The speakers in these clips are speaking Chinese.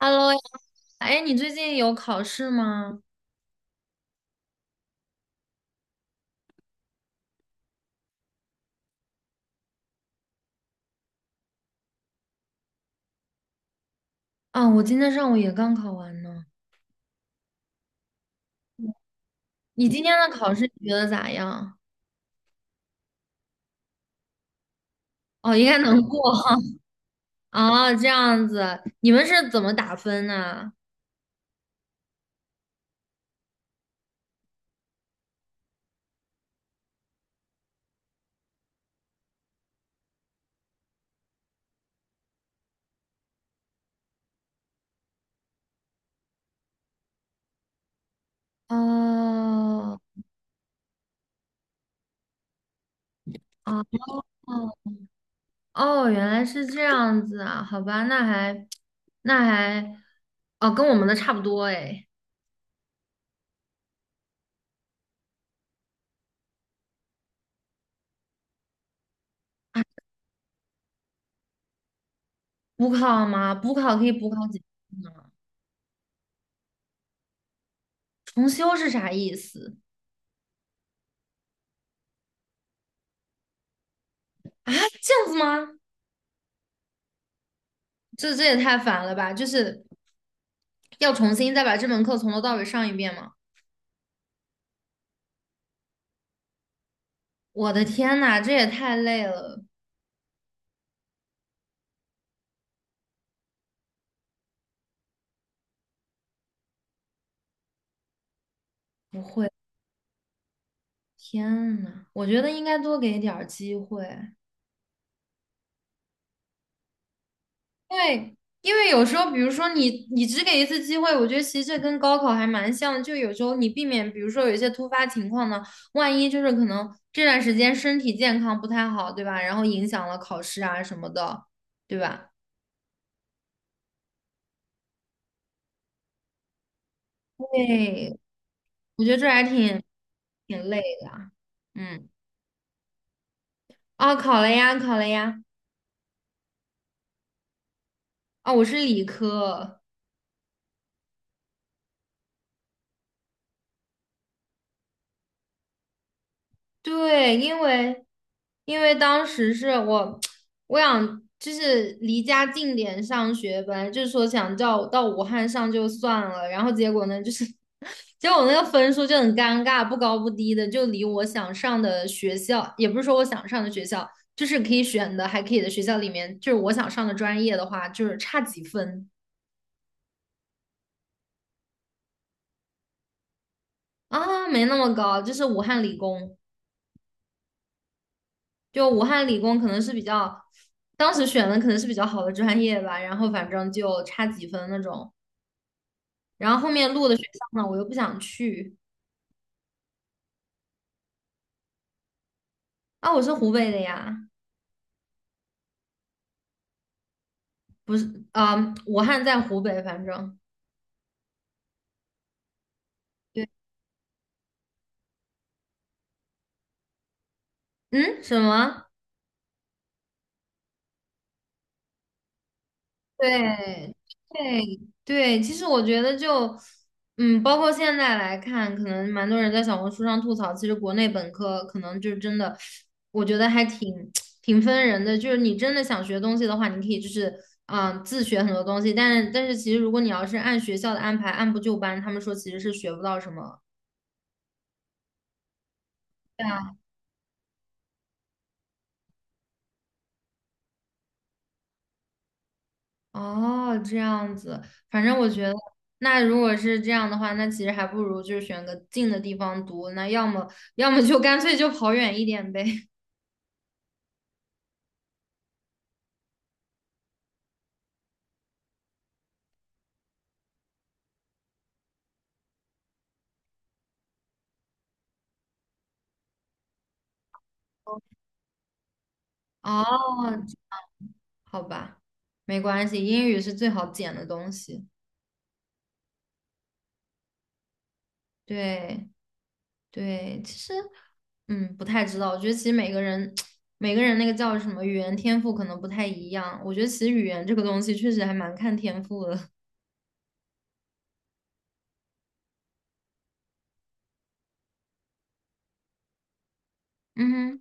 Hello 呀，哎，你最近有考试吗？啊，我今天上午也刚考完呢。你今天的考试你觉得咋样？哦，应该能过 哦，这样子，你们是怎么打分呢？哦，哦，哦，哦，原来是这样子啊，好吧，那还，那还，哦，跟我们的差不多哎。啊补考吗？补考可以补考几次呢？重修是啥意思？这样子吗？这也太烦了吧！就是要重新再把这门课从头到尾上一遍吗？我的天呐，这也太累了！不会，天呐，我觉得应该多给点儿机会，因为因为有时候，比如说你只给一次机会，我觉得其实这跟高考还蛮像的，就有时候你避免，比如说有一些突发情况呢，万一就是可能这段时间身体健康不太好，对吧？然后影响了考试啊什么的，对吧？对，我觉得这还挺累的啊嗯，啊，考了呀，考了呀。啊，我是理科，对，因为当时是我 我想就是离家近点上学，本来就是说想叫我到武汉上就算了，然后结果呢，就是 结果我那个分数就很尴尬，不高不低的，就离我想上的学校，也不是说我想上的学校，就是可以选的还可以的学校里面，就是我想上的专业的话，就是差几分。啊，没那么高，就是武汉理工，就武汉理工可能是比较，当时选的可能是比较好的专业吧，然后反正就差几分那种，然后后面录的学校呢，我又不想去，啊，我是湖北的呀，不是，啊、武汉在湖北，反正，对，嗯，什么？对对对，其实我觉得就，嗯，包括现在来看，可能蛮多人在小红书上吐槽，其实国内本科可能就真的，我觉得还挺分人的。就是你真的想学东西的话，你可以就是自学很多东西，但是其实如果你要是按学校的安排，按部就班，他们说其实是学不到什么。对哦，这样子，反正我觉得，那如果是这样的话，那其实还不如就是选个近的地方读，那要么就干脆就跑远一点呗。哦，好吧，没关系，英语是最好捡的东西。对对，其实不太知道，我觉得其实每个人 每个人那个叫什么语言天赋可能不太一样，我觉得其实语言这个东西确实还蛮看天赋的。嗯哼。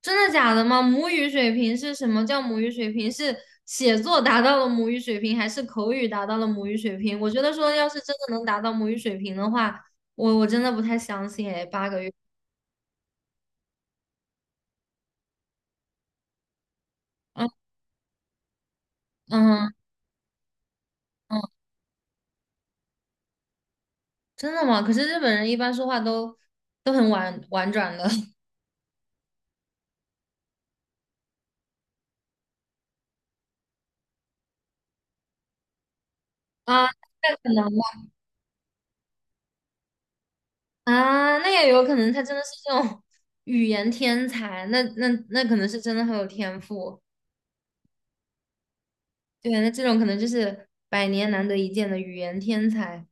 真的假的吗？母语水平是什么叫母语水平？是写作达到了母语水平，还是口语达到了母语水平？我觉得说，要是真的能达到母语水平的话，我真的不太相信诶，8个月，嗯嗯嗯，真的吗？可是日本人一般说话都很婉转的 啊，那可能吧啊，那也有可能他真的是这种语言天才，那可能是真的很有天赋，对，那这种可能就是百年难得一见的语言天才。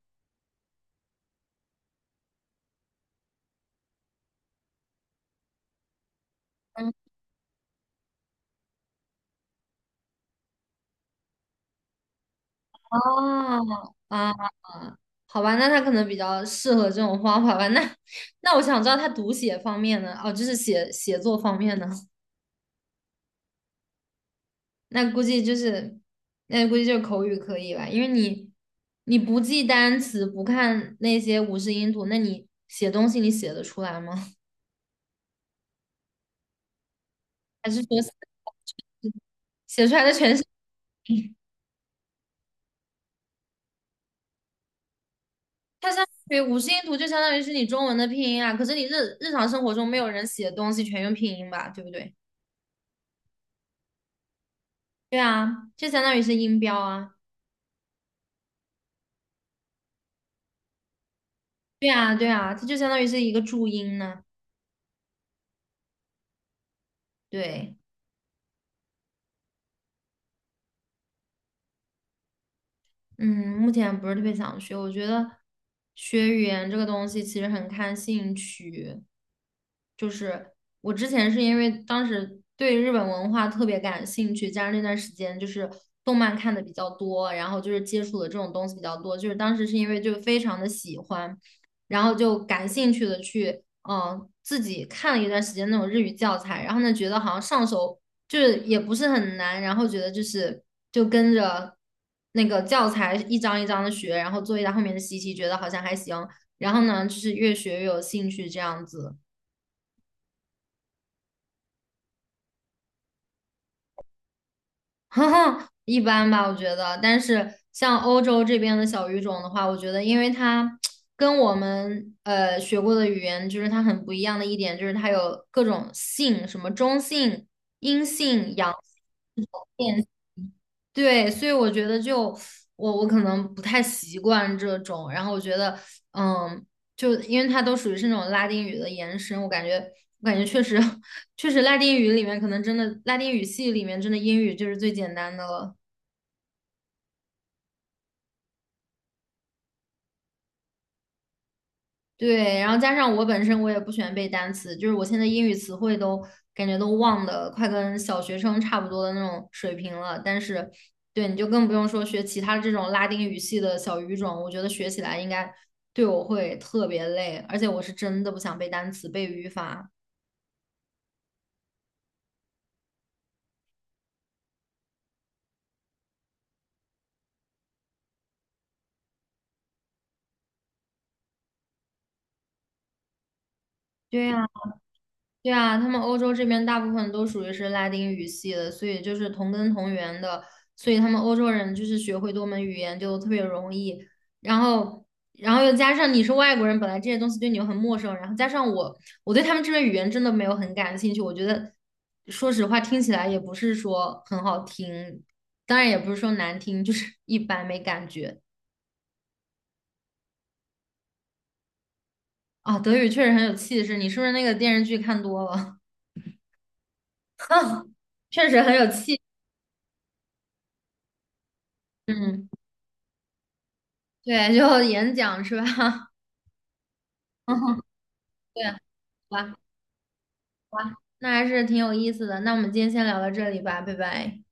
嗯哦，啊，好吧，那他可能比较适合这种方法吧。那我想知道他读写方面呢？哦，就是写作方面呢？那估计就是，那估计就是口语可以吧？因为你不记单词，不看那些五十音图，那你写东西你写得出来吗？还是说写出来的全是？它相当于五十音图，就相当于是你中文的拼音啊。可是你日常生活中没有人写东西全用拼音吧，对不对？对啊，就相当于是音标啊。对啊，对啊，它就相当于是一个注音呢。对，嗯，目前不是特别想学，我觉得学语言这个东西其实很看兴趣。就是我之前是因为当时对日本文化特别感兴趣，加上那段时间就是动漫看的比较多，然后就是接触的这种东西比较多，就是当时是因为就非常的喜欢，然后就感兴趣的去。自己看了一段时间那种日语教材，然后呢，觉得好像上手就是也不是很难，然后觉得就是就跟着那个教材一张一张的学，然后做一下后面的习题，觉得好像还行。然后呢，就是越学越有兴趣这样子，一般吧，我觉得。但是像欧洲这边的小语种的话，我觉得因为它跟我们学过的语言，就是它很不一样的一点，就是它有各种性，什么中性、阴性、阳性、变对，所以我觉得就我可能不太习惯这种，然后我觉得嗯，就因为它都属于是那种拉丁语的延伸，我感觉确实 确实拉丁语里面可能真的拉丁语系里面真的英语就是最简单的了。对，然后加上我本身我也不喜欢背单词，就是我现在英语词汇都感觉都忘的快跟小学生差不多的那种水平了。但是，对，你就更不用说学其他这种拉丁语系的小语种，我觉得学起来应该对我会特别累，而且我是真的不想背单词、背语法。对呀。对啊，他们欧洲这边大部分都属于是拉丁语系的，所以就是同根同源的，所以他们欧洲人就是学会多门语言就特别容易。然后，然后又加上你是外国人，本来这些东西对你又很陌生，然后加上我，我对他们这边语言真的没有很感兴趣。我觉得，说实话，听起来也不是说很好听，当然也不是说难听，就是 一般没感觉啊。德语确实很有气势，你是不是那个电视剧看多了？确实很有气，嗯。对，就演讲是吧？对，好吧，那还是挺有意思的。那我们今天先聊到这里吧，拜拜。